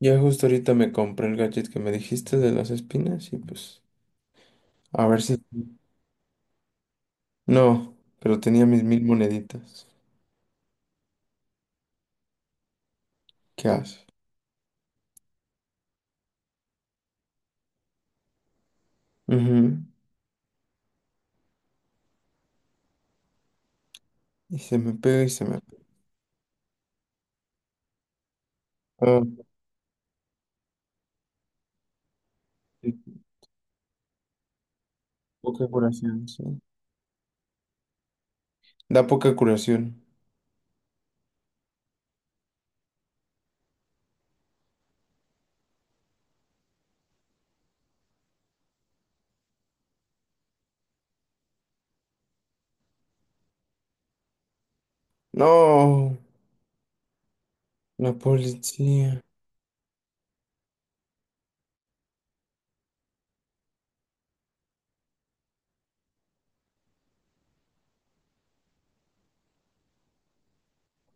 Ya justo ahorita me compré el gadget que me dijiste de las espinas y pues a ver si... No, pero tenía mis mil moneditas. ¿Qué haces? Ujú. Y se me pega y se me pega. Ah, sí, poca curación, sí. Da poca curación. No, la policía.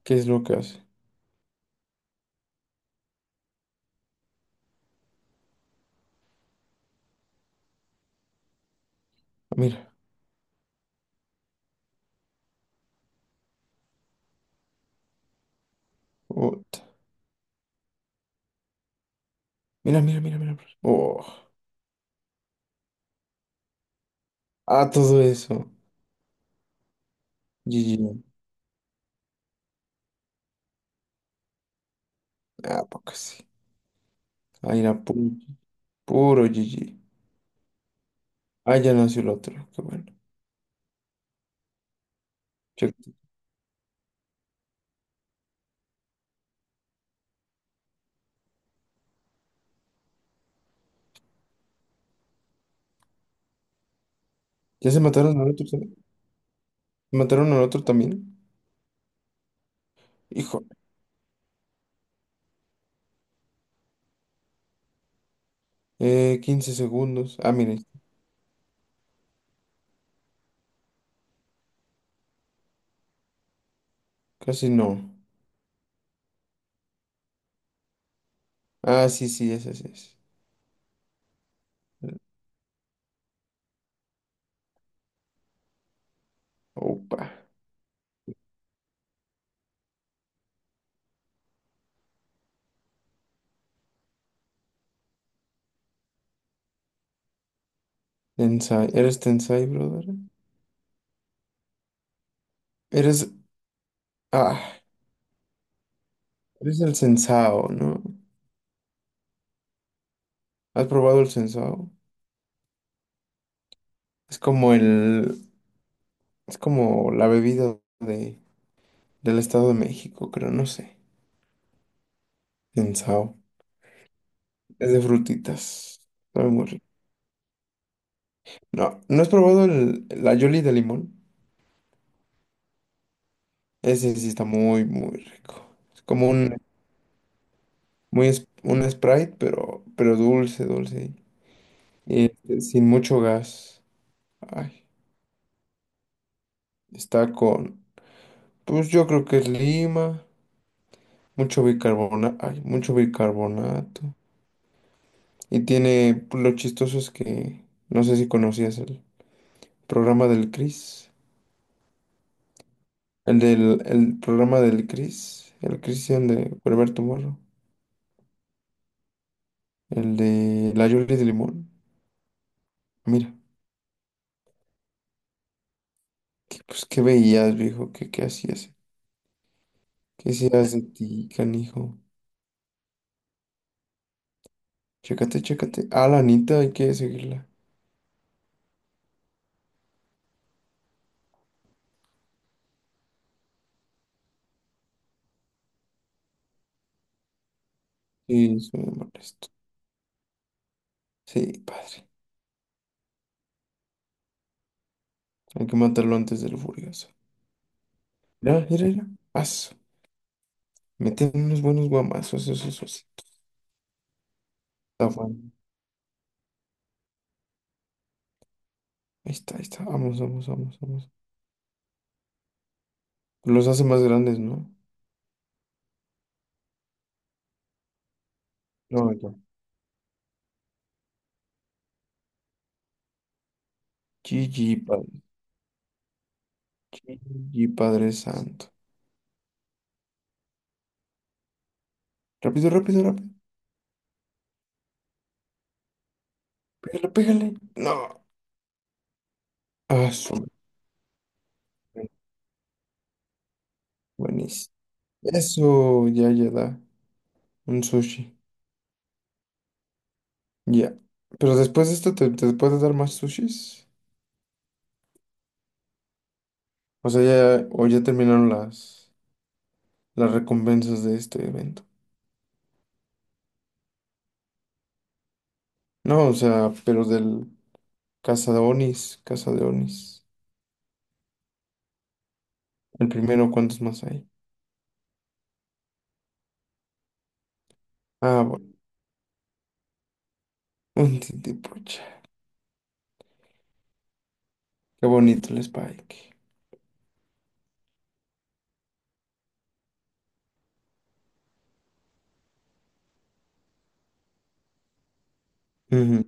¿Qué es lo que hace? Mira, puta. Mira, mira, mira, mira. Oh. Ah, todo eso. GG. Ah, poca sí. Ahí era puro, puro GG. Ah, ya nació el otro. Qué bueno. ¿Ya se mataron al otro también? ¿Se mataron al otro también? Hijo. 15 segundos. Ah, mire, casi no. Ah, sí, sí, ese sí es. Opa. Tensai. ¿Eres Tensai, brother? Eres. Ah, eres el Sensao, ¿no? ¿Has probado el Sensao? Es como el. Es como la bebida de, del Estado de México, creo, no sé. Sensao. Es de frutitas. Sabe muy rico. No, ¿no has probado la Yoli de limón? Ese sí está muy, muy rico. Es como Sí. Un, muy, un Sprite, pero dulce, dulce. Y este, sin mucho gas. Ay, está con, pues yo creo que es lima, mucho bicarbonato, ay, mucho bicarbonato. Y tiene, pues, lo chistoso es que, no sé si conocías el programa del Chris. El del, el programa del Chris, el Christian de Wherever Tomorrow. El de la Yoli de Limón. Mira. Que, pues, ¿qué veías, viejo? ¿Qué, qué hacías? ¿Qué serás de ti, canijo? Chécate, chécate. Ah, la Anita, hay que seguirla. Sí, soy molesto. Sí, padre. Hay que matarlo antes del furioso. Mira, mira, mira. Aso. Meten unos buenos guamazos, eso, sí. Está bueno. Ahí está, ahí está. Vamos, vamos, vamos, vamos. Los hace más grandes, ¿no? No, ya. GG, padre. GG, Padre Santo. Rápido, rápido, rápido. Pégale, pégale. No. Aso. Buenísimo. Eso, ya, ya da. Un sushi. Ya. Pero después de esto, ¿te, te puedes dar más sushis? O sea, ya, o ya terminaron las recompensas de este evento. No, o sea, pero del Casa de Onis, Casa de Onis. El primero, ¿cuántos más hay? Ah, bueno. Un titipucha. Qué bonito el Spike. Ujú.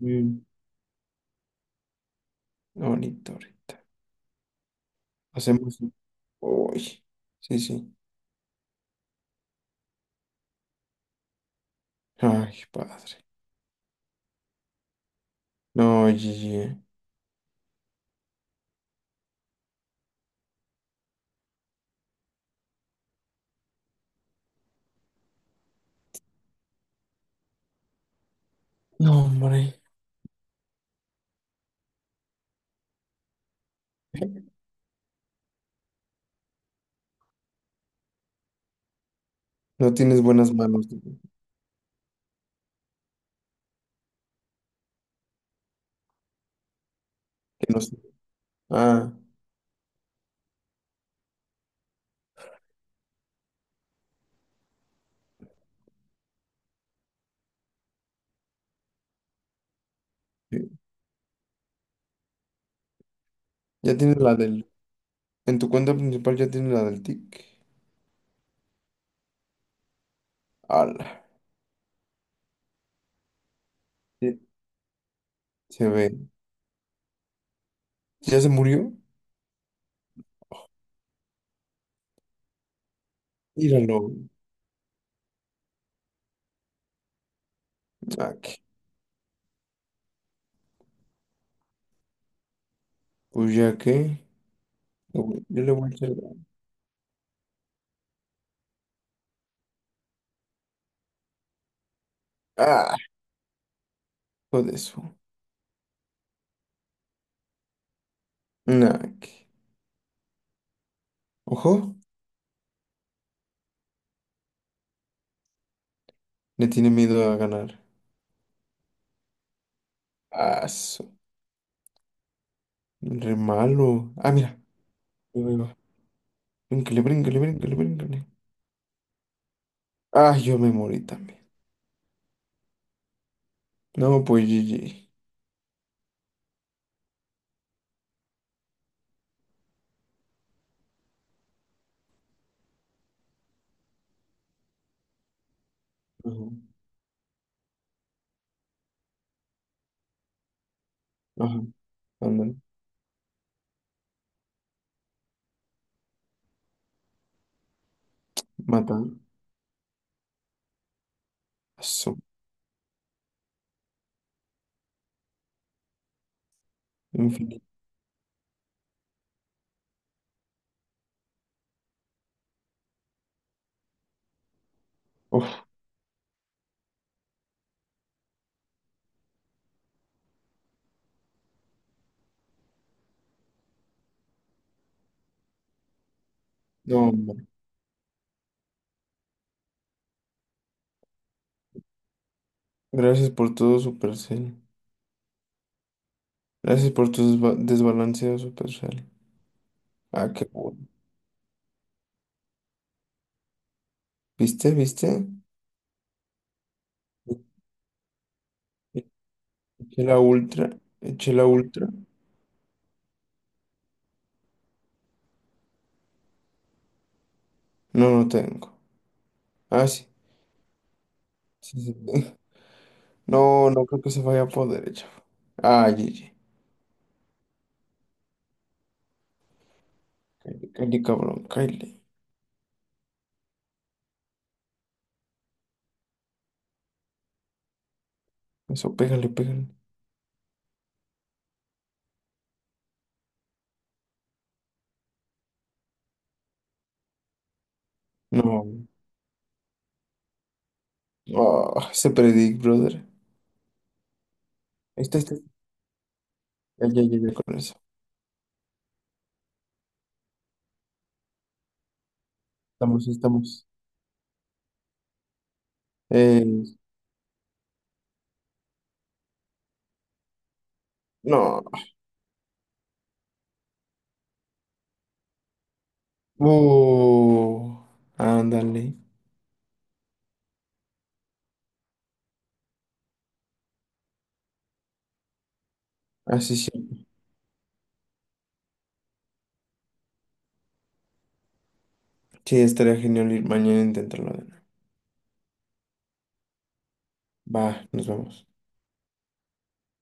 Mm, bonito ahorita. Hacemos. Uy. Sí, sí. Ay, padre. No, GG. No, hombre. No tienes buenas manos. Que no sé. Ah. Sí. Ya tienes la del... En tu cuenta principal ya tienes la del tic. Ala. Sí, se ve. ¿Ya se murió? Míralo. Ah, ¿qué? Pues ya que... Yo le voy a echar... Ah, hijo de eso. Nah, ¿qué? Ojo. Le tiene miedo a ganar. Ah, re malo. Ah, mira. Ahí va, ahí va. Bríncale, bríncale, bríncale, bríncale. Ah, yo me morí también. No, pues GG. Ajá. Ajá. Ándale. Mata. Eso. Infinito. Uf. No, gracias por todo, Supercell. Gracias por tu desbalanceo, Supercell. Ah, qué bueno. ¿Viste? ¿Viste? E- Eché la ultra. Eché la ultra. No, no tengo. Ah, sí. Sí, sí tengo. No, no creo que se vaya por derecha. Ah, GG. Cáele, cáele, cabrón, cáele. Eso, pégale, pégale. No. Ah, se predic, brother. Ahí está, ahí está. Ya, ya, ya, ya con eso. Estamos, estamos. Eh, no. Uh, ándale. Así sí. Sí. Sí, estaría genial ir mañana a intentarlo de nuevo. Va, nos vamos.